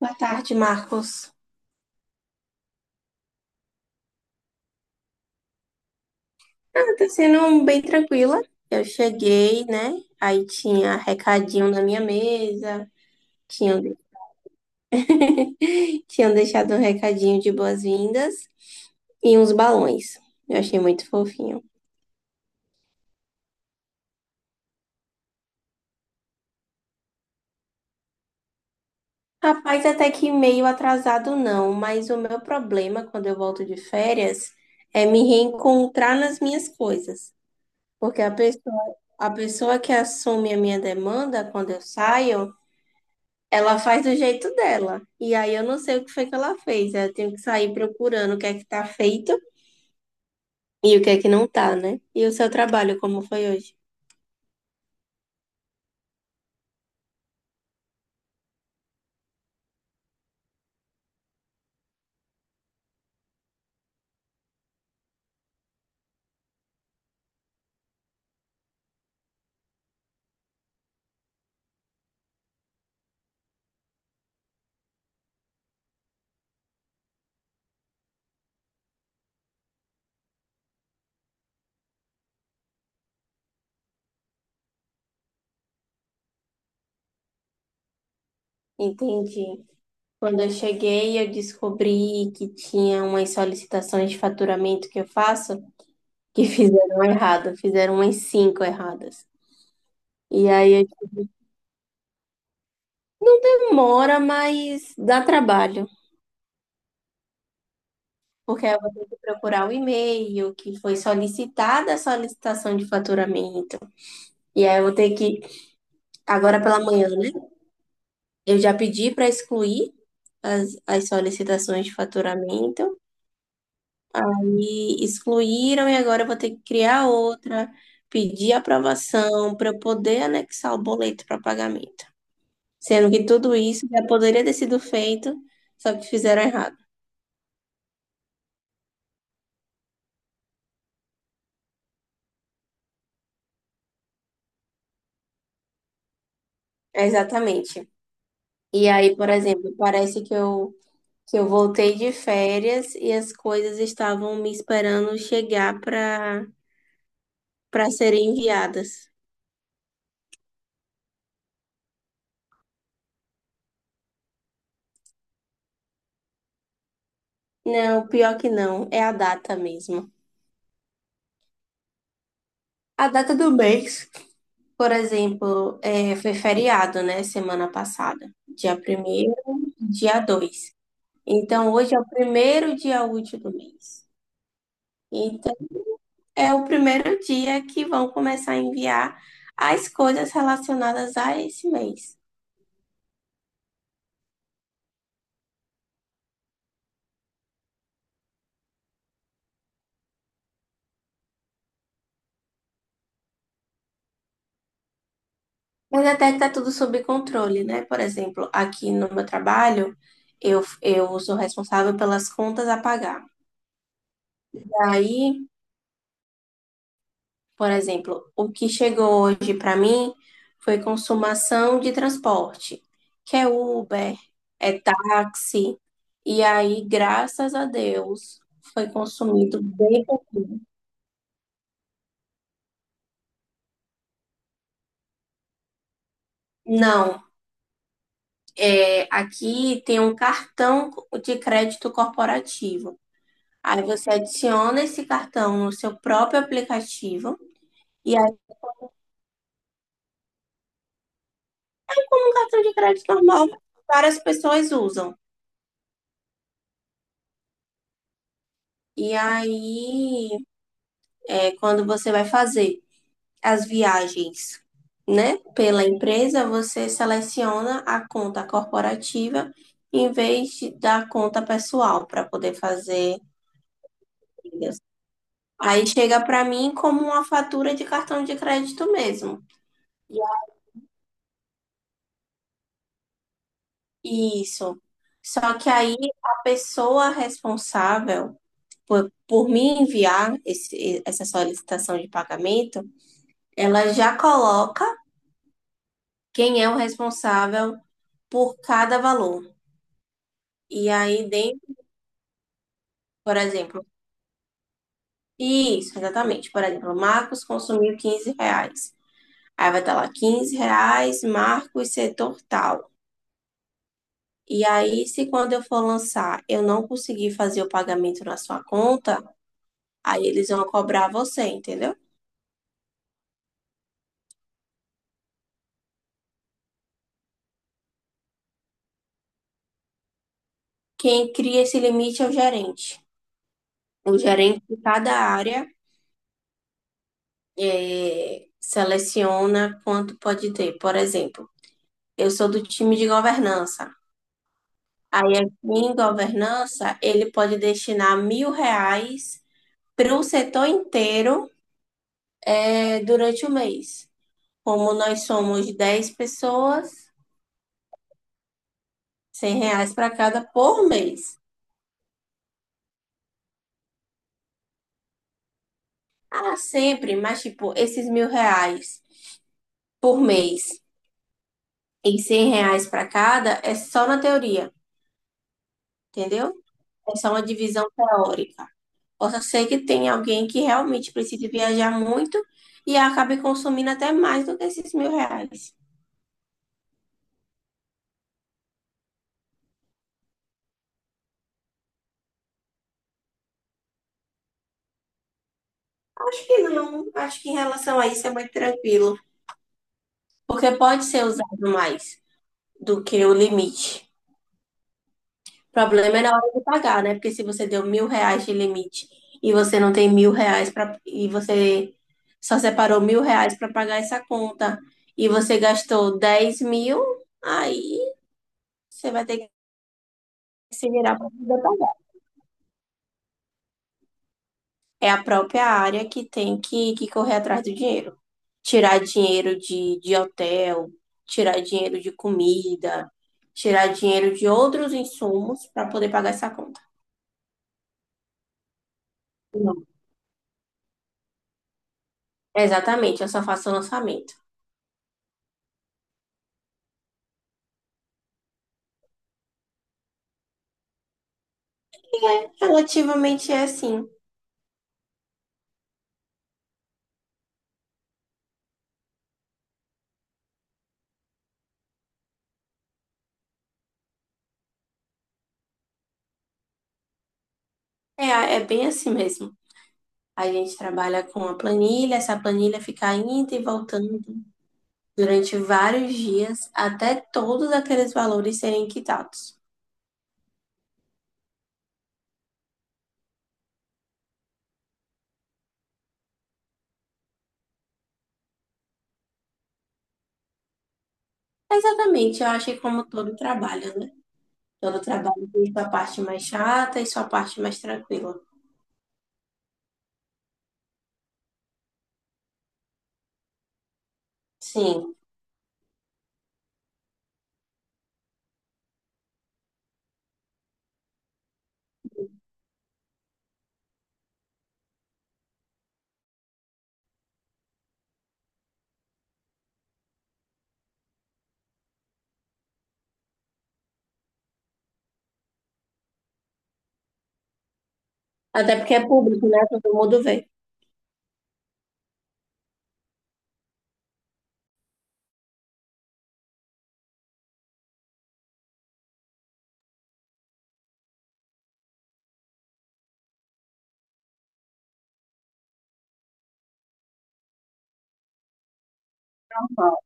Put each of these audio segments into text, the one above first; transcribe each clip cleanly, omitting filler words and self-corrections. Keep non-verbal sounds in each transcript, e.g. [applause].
Boa tarde, Marcos. Ah, tá sendo um bem tranquila. Eu cheguei, né? Aí tinha recadinho na minha mesa, tinham, [laughs] tinham deixado um recadinho de boas-vindas e uns balões. Eu achei muito fofinho. Rapaz, até que meio atrasado não, mas o meu problema quando eu volto de férias é me reencontrar nas minhas coisas. Porque a pessoa que assume a minha demanda quando eu saio. Ela faz do jeito dela. E aí eu não sei o que foi que ela fez. Eu tenho que sair procurando o que é que tá feito e o que é que não tá, né? E o seu trabalho, como foi hoje? Entendi. Quando eu cheguei, eu descobri que tinha umas solicitações de faturamento que eu faço que [laughs] fizeram errado, fizeram umas cinco erradas. E aí eu Demora, mas dá trabalho. Porque eu vou ter que procurar o e-mail que foi solicitada a solicitação de faturamento. E aí eu vou ter que Agora pela manhã, né? Eu já pedi para excluir as solicitações de faturamento. Aí excluíram e agora eu vou ter que criar outra, pedir aprovação para eu poder anexar o boleto para pagamento. Sendo que tudo isso já poderia ter sido feito, só que fizeram errado. É, exatamente. E aí, por exemplo, parece que que eu voltei de férias e as coisas estavam me esperando chegar para serem enviadas. Não, pior que não, é a data mesmo. A data do mês, por exemplo, foi feriado, né, semana passada, dia primeiro, dia dois. Então, hoje é o primeiro dia útil do mês. Então, é o primeiro dia que vão começar a enviar as coisas relacionadas a esse mês. Mas até que tá tudo sob controle, né? Por exemplo, aqui no meu trabalho, eu sou responsável pelas contas a pagar. Aí, por exemplo, o que chegou hoje para mim foi consumação de transporte, que é Uber, é táxi. E aí, graças a Deus, foi consumido bem. Não, aqui tem um cartão de crédito corporativo. Aí você adiciona esse cartão no seu próprio aplicativo. E aí, é um cartão de crédito normal, várias pessoas usam. E aí, quando você vai fazer as viagens, né, pela empresa, você seleciona a conta corporativa da conta pessoal para poder fazer. Trilhas. Aí chega para mim como uma fatura de cartão de crédito mesmo. Isso. Só que aí a pessoa responsável por me enviar essa solicitação de pagamento, ela já coloca quem é o responsável por cada valor. E aí, por exemplo, isso, exatamente. Por exemplo, Marcos consumiu R$ 15. Aí vai estar lá, R$ 15, Marcos, setor tal. E aí, se quando eu for lançar, eu não conseguir fazer o pagamento na sua conta, aí eles vão cobrar você, entendeu? Quem cria esse limite é o gerente. O gerente de cada área seleciona quanto pode ter. Por exemplo, eu sou do time de governança. Aí, aqui em governança, ele pode destinar R$ 1.000 para o setor inteiro, durante o mês. Como nós somos 10 pessoas, R$ 100 para cada por mês. Ah, sempre, mas tipo, esses R$ 1.000 por mês e R$ 100 para cada é só na teoria, entendeu? É só uma divisão teórica. Possa ser que tenha alguém que realmente precise viajar muito e acabe consumindo até mais do que esses R$ 1.000. Acho que não. Acho que em relação a isso é muito tranquilo, porque pode ser usado mais do que o limite. O problema é na hora de pagar, né? Porque se você deu R$ 1.000 de limite e você não tem R$ 1.000 para e você só separou R$ 1.000 para pagar essa conta e você gastou 10.000, aí você vai ter que se virar para poder pagar. É a própria área que tem que correr atrás do dinheiro. Tirar dinheiro de hotel, tirar dinheiro de comida, tirar dinheiro de outros insumos para poder pagar essa conta. Exatamente, eu só faço o lançamento. Relativamente é assim. É, é bem assim mesmo. A gente trabalha com a planilha, essa planilha fica indo e voltando durante vários dias até todos aqueles valores serem quitados. Exatamente, eu acho que como todo trabalho, né? Todo trabalho tem sua parte mais chata e sua parte mais tranquila. Sim, até porque é público, né? Todo mundo vê. Normal,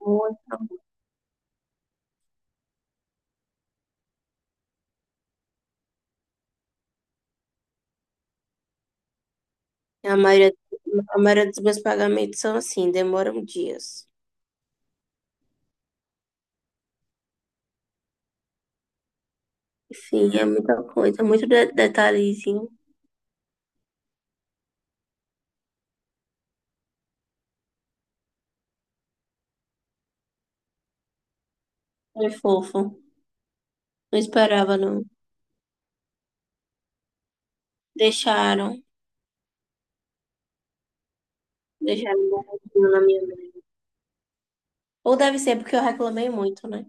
muito normal. A maioria, a maioria dos meus pagamentos são assim, demoram dias. Sim, é muita coisa, muito detalhezinho. Foi fofo. Não esperava, não. Deixaram. Deixaram bonitinho na minha mão. Ou deve ser porque eu reclamei muito, né?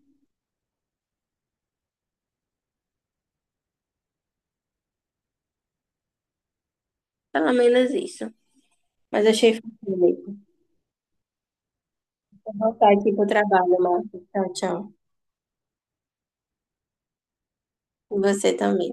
Pelo menos isso. Mas achei fofo mesmo. Vou voltar aqui pro trabalho, Marcos. Tchau, tchau. E você também.